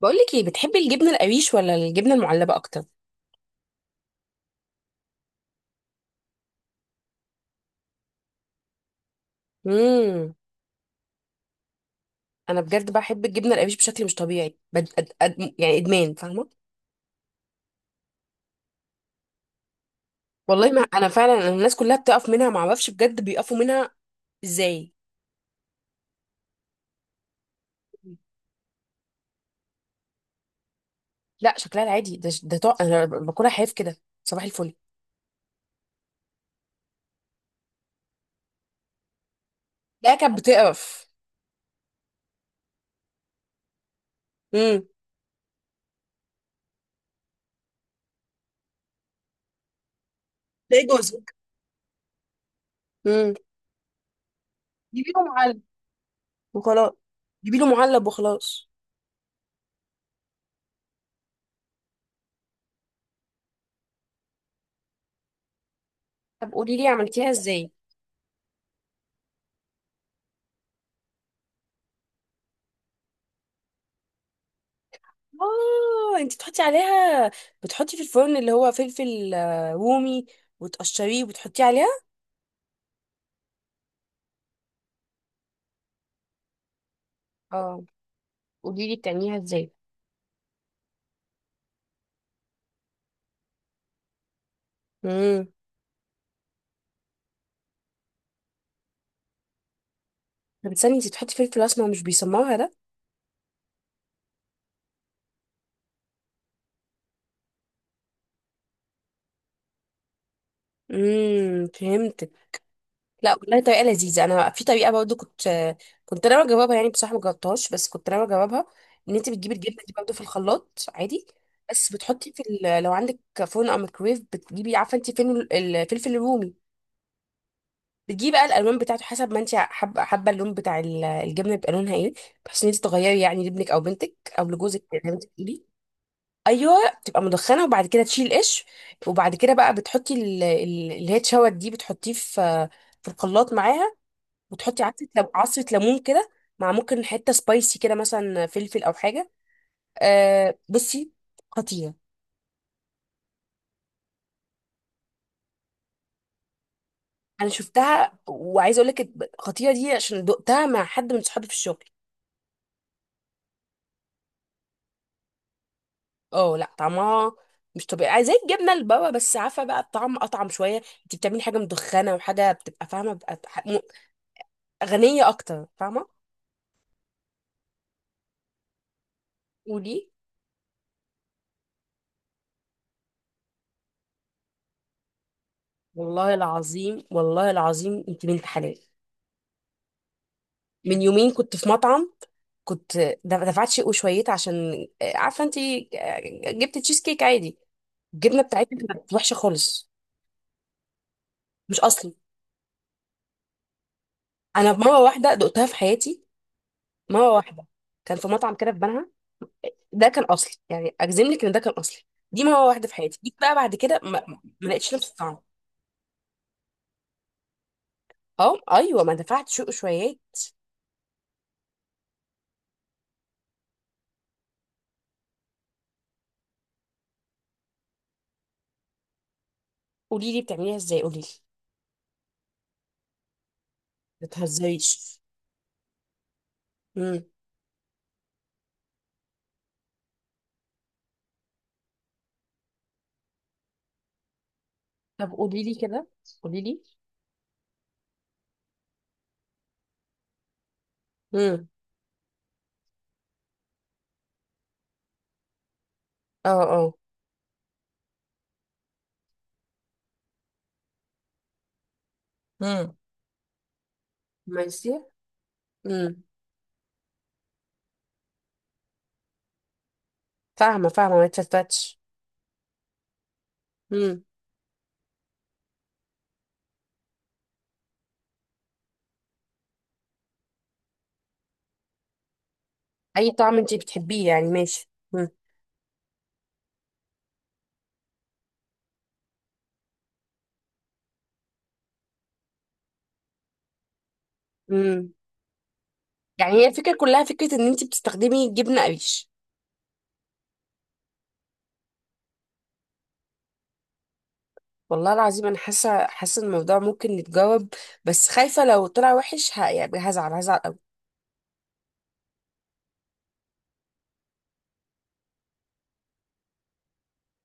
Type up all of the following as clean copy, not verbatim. بقولك ايه، بتحبي الجبنه القريش ولا الجبنه المعلبه اكتر؟ امم انا بجد بحب الجبنه القريش بشكل مش طبيعي. يعني ادمان، فاهمه. والله ما انا، فعلا أنا الناس كلها بتقف منها، ما اعرفش بجد بيقفوا منها ازاي. لا، شكلها العادي ده، انا باكلها حاف كده. صباح الفل. لا، كانت بتقرف. امم تلاقي جوزك. امم جيبي له معلب وخلاص. جيبي له معلب وخلاص. طب قولي لي عملتيها ازاي. اه، انت بتحطي عليها، بتحطي في الفرن اللي هو فلفل آه، رومي، وتقشريه وبتحطيه عليها. اه قولي لي بتعمليها ازاي. امم طب استني، انت بتحطي فلفل اسمر، مش بيسمرها ده؟ فهمتك. لا والله طريقه لذيذه. انا في طريقه برضو كنت كنت انا بجربها، يعني بصراحه ما جربتهاش، بس كنت انا بجربها. ان انت بتجيبي الجبنه دي برضو في الخلاط عادي، بس بتحطي في لو عندك فرن او ميكرويف، بتجيبي عارفه انت فين الفلفل الرومي، بتجيبي بقى الالوان بتاعته حسب ما انت حابه، اللون بتاع الجبنه يبقى لونها ايه، بحيث ان انت تغيري يعني لابنك او بنتك او لجوزك زي ما انت بتقولي. ايوه، بتبقى مدخنه، وبعد كده تشيل قش، وبعد كده بقى بتحطي اللي هي اتشوت دي بتحطيه في في الخلاط معاها، وتحطي عصره لم- عصره ليمون كده، مع ممكن حته سبايسي كده، مثلا فلفل او حاجه. أه بصي، خطيره. انا شفتها وعايزه اقول لك، الخطيره دي عشان دقتها مع حد من صحابي في الشغل. اه لا، طعمها مش طبيعي زي الجبنه البابا، بس عارفه بقى الطعم اطعم شويه، انت بتعملي حاجه مدخنه وحاجه بتبقى فاهمه، غنيه اكتر، فاهمه. ودي والله العظيم، والله العظيم انت بنت حلال. من يومين كنت في مطعم، كنت دفعت شيء وشويت، عشان آه، عارفه انت آه، جبت تشيز كيك عادي، الجبنه بتاعتها كانت وحشه خالص، مش اصلي. انا مره واحده دقتها في حياتي، مره واحده. كان في مطعم كده في بنها، ده كان اصلي، يعني اجزم لك ان ده كان اصلي. دي مره واحده في حياتي، جيت بقى بعد كده ما ما لقيتش نفس الطعم. اه ايوه، ما دفعت شويات. قولي لي بتعمليها ازاي، قولي لي. ما تهزريش. امم طب قولي لي كده، قولي لي. امم اه اه. امم ماشي. امم فاهمه فاهمه، ما تفتتش. امم اي طعم انت بتحبيه يعني، ماشي. امم امم يعني هي الفكره كلها فكره ان انت بتستخدمي جبنه قريش. والله العظيم انا حاسه، حاسه إن الموضوع ممكن يتجاوب، بس خايفه لو طلع وحش يعني هزعل، هزعل قوي.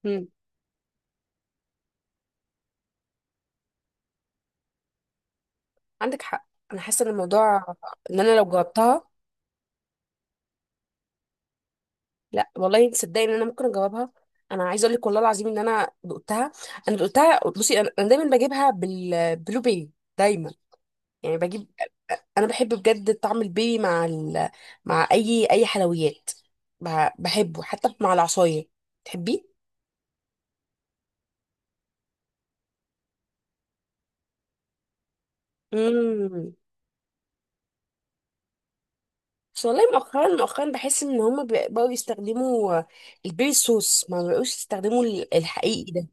مم. عندك حق. انا حاسه ان الموضوع ان انا لو جاوبتها، لا والله تصدقي ان انا ممكن اجاوبها. انا عايزه اقول لك والله العظيم ان انا دقتها. انا دقتها، بصي أنا دايما بجيبها بالبلو بيري، دايما، يعني بجيب. انا بحب بجد طعم البيري مع اي حلويات. ب... بحبه حتى مع العصايه، تحبيه؟ مم. بس والله مؤخرا، مؤخرا بحس ان هما بقوا يستخدموا البيبي صوص، ما بقوش يستخدموا الحقيقي ده.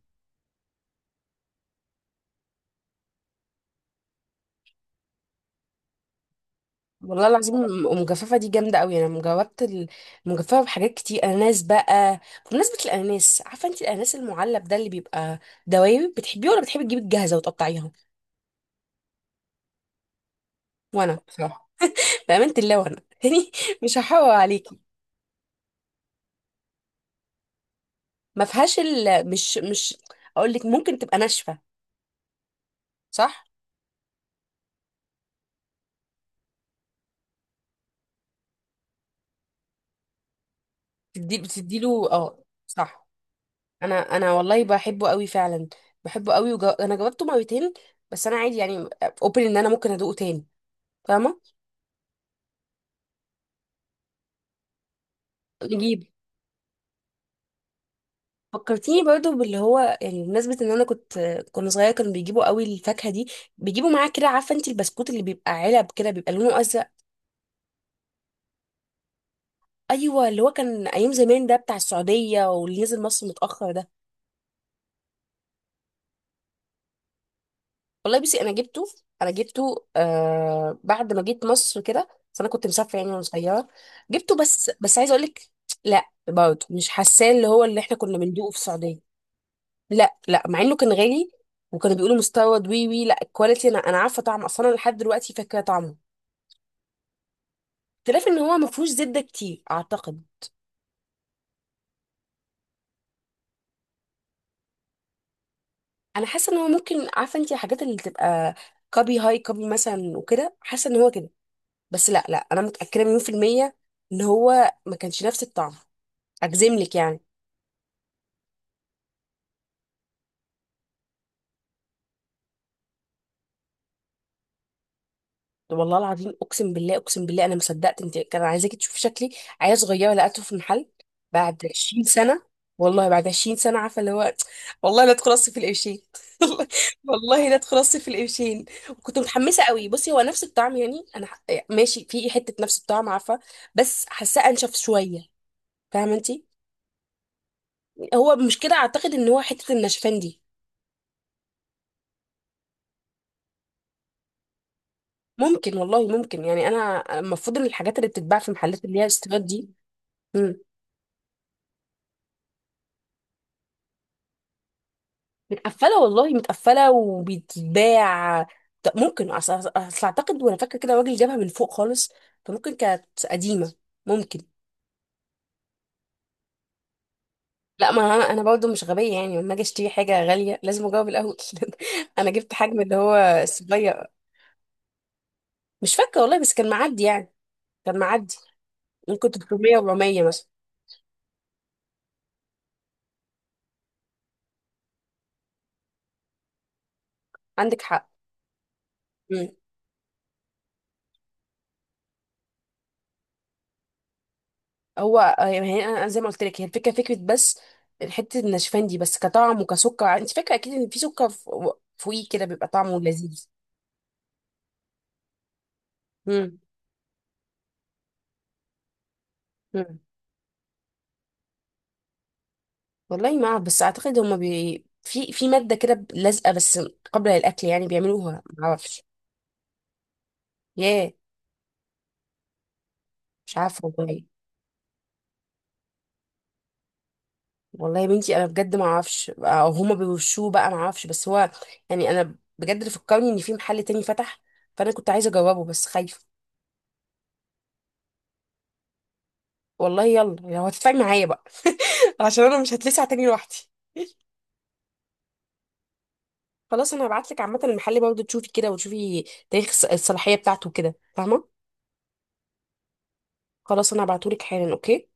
والله العظيم المجففه دي جامده قوي، انا مجربت المجففه بحاجات كتير. اناناس بقى، بمناسبه الاناناس، عارفه انت الاناناس المعلب ده اللي بيبقى دوايب بتحبيه، ولا بتحبي تجيبي الجاهزه وتقطعيها؟ وانا بصراحه، بامانه الله وانا يعني مش هحور عليكي. ما فيهاش ال... مش مش اقول لك ممكن تبقى ناشفه، صح. تدي، بتديله اه. صح. انا والله بحبه قوي فعلا، بحبه قوي انا جاوبته مرتين، بس انا عادي يعني، اوبن ان انا ممكن ادوقه تاني، فاهمه. نجيب، فكرتيني برضو باللي هو يعني، بمناسبة ان انا كنت، كنا صغيرة كانوا بيجيبوا قوي الفاكهة دي، بيجيبوا معاه كده، عارفة انت البسكوت اللي بيبقى علب كده بيبقى لونه ازرق. ايوه، اللي هو كان ايام زمان، ده بتاع السعودية، واللي نزل مصر متأخر ده. والله بصي انا جبته، انا جبته آه بعد ما جيت مصر كده، بس انا كنت مسافره يعني وانا صغيره. جبته، بس عايزه اقول لك، لا برضه مش حاساه اللي هو اللي احنا كنا بندوقه في السعوديه. لا لا، مع انه كان غالي وكانوا بيقولوا مستورد، وي وي، لا الكواليتي، انا عارفه طعمه، اصلا أنا لحد دلوقتي فاكره طعمه. اختلاف ان هو ما فيهوش زبده كتير اعتقد. انا حاسه ان هو ممكن، عارفه انت الحاجات اللي تبقى كابي هاي كابي مثلا وكده، حاسه ان هو كده، بس لا لا، انا متاكده مليون في الميه ان هو ما كانش نفس الطعم، اجزم لك يعني. طب والله العظيم، اقسم بالله، اقسم بالله انا ما صدقت، انت كان عايزاكي تشوفي شكلي، عيال صغيره لقيته في المحل بعد 20 سنه. والله بعد 20 سنه، عارفه اللي هو، والله لا ادخل اصرف في القرشين. والله لا ادخل اصرف في القرشين. كنت متحمسه قوي، بصي هو نفس الطعم يعني يعني ماشي، في حته نفس الطعم عارفه، بس حاساه انشف شويه، فاهمه انت. هو مش كده اعتقد، ان هو حته النشفان دي. ممكن والله، ممكن. يعني انا المفروض ان الحاجات اللي بتتباع في محلات اللي هي الاستيراد دي متقفله، والله متقفله وبيتباع. ممكن، أصل اعتقد وانا فاكره كده، الراجل جابها من فوق خالص، فممكن كانت قديمه، ممكن. لا، ما انا برضه مش غبيه يعني، لما اجي اشتري حاجه غاليه لازم اجاوب الاول. انا جبت حجم اللي هو الصغير. مش فاكره والله، بس كان معدي يعني، كان معدي. ممكن 300 و400 مثلا. عندك حق. مم. هو آه، يعني أنا زي ما قلت لك، هي الفكره فكره، بس حته النشفان دي، بس كطعم وكسكر، انت فاكره اكيد ان في سكر فوقيه كده بيبقى طعمه لذيذ. مم. مم. والله ما اعرف، بس اعتقد هما بي... في في ماده كده لازقه بس، قبل الاكل يعني، بيعملوها، ما اعرفش. ياه. مش عارفه والله. والله يا بنتي انا بجد ما اعرفش، او هما بيوشوه بقى، ما اعرفش. بس هو يعني انا بجد اللي فكرني ان في محل تاني فتح، فانا كنت عايزه اجربه بس خايفه. والله يلا لو هتدفعي معايا بقى عشان انا مش هتلسع تاني لوحدي. خلاص انا هبعت لك، عامه المحل برضه تشوفي كده، وتشوفي تاريخ الصلاحيه بتاعته كده، فاهمه. خلاص انا هبعته لك حالا، اوكي.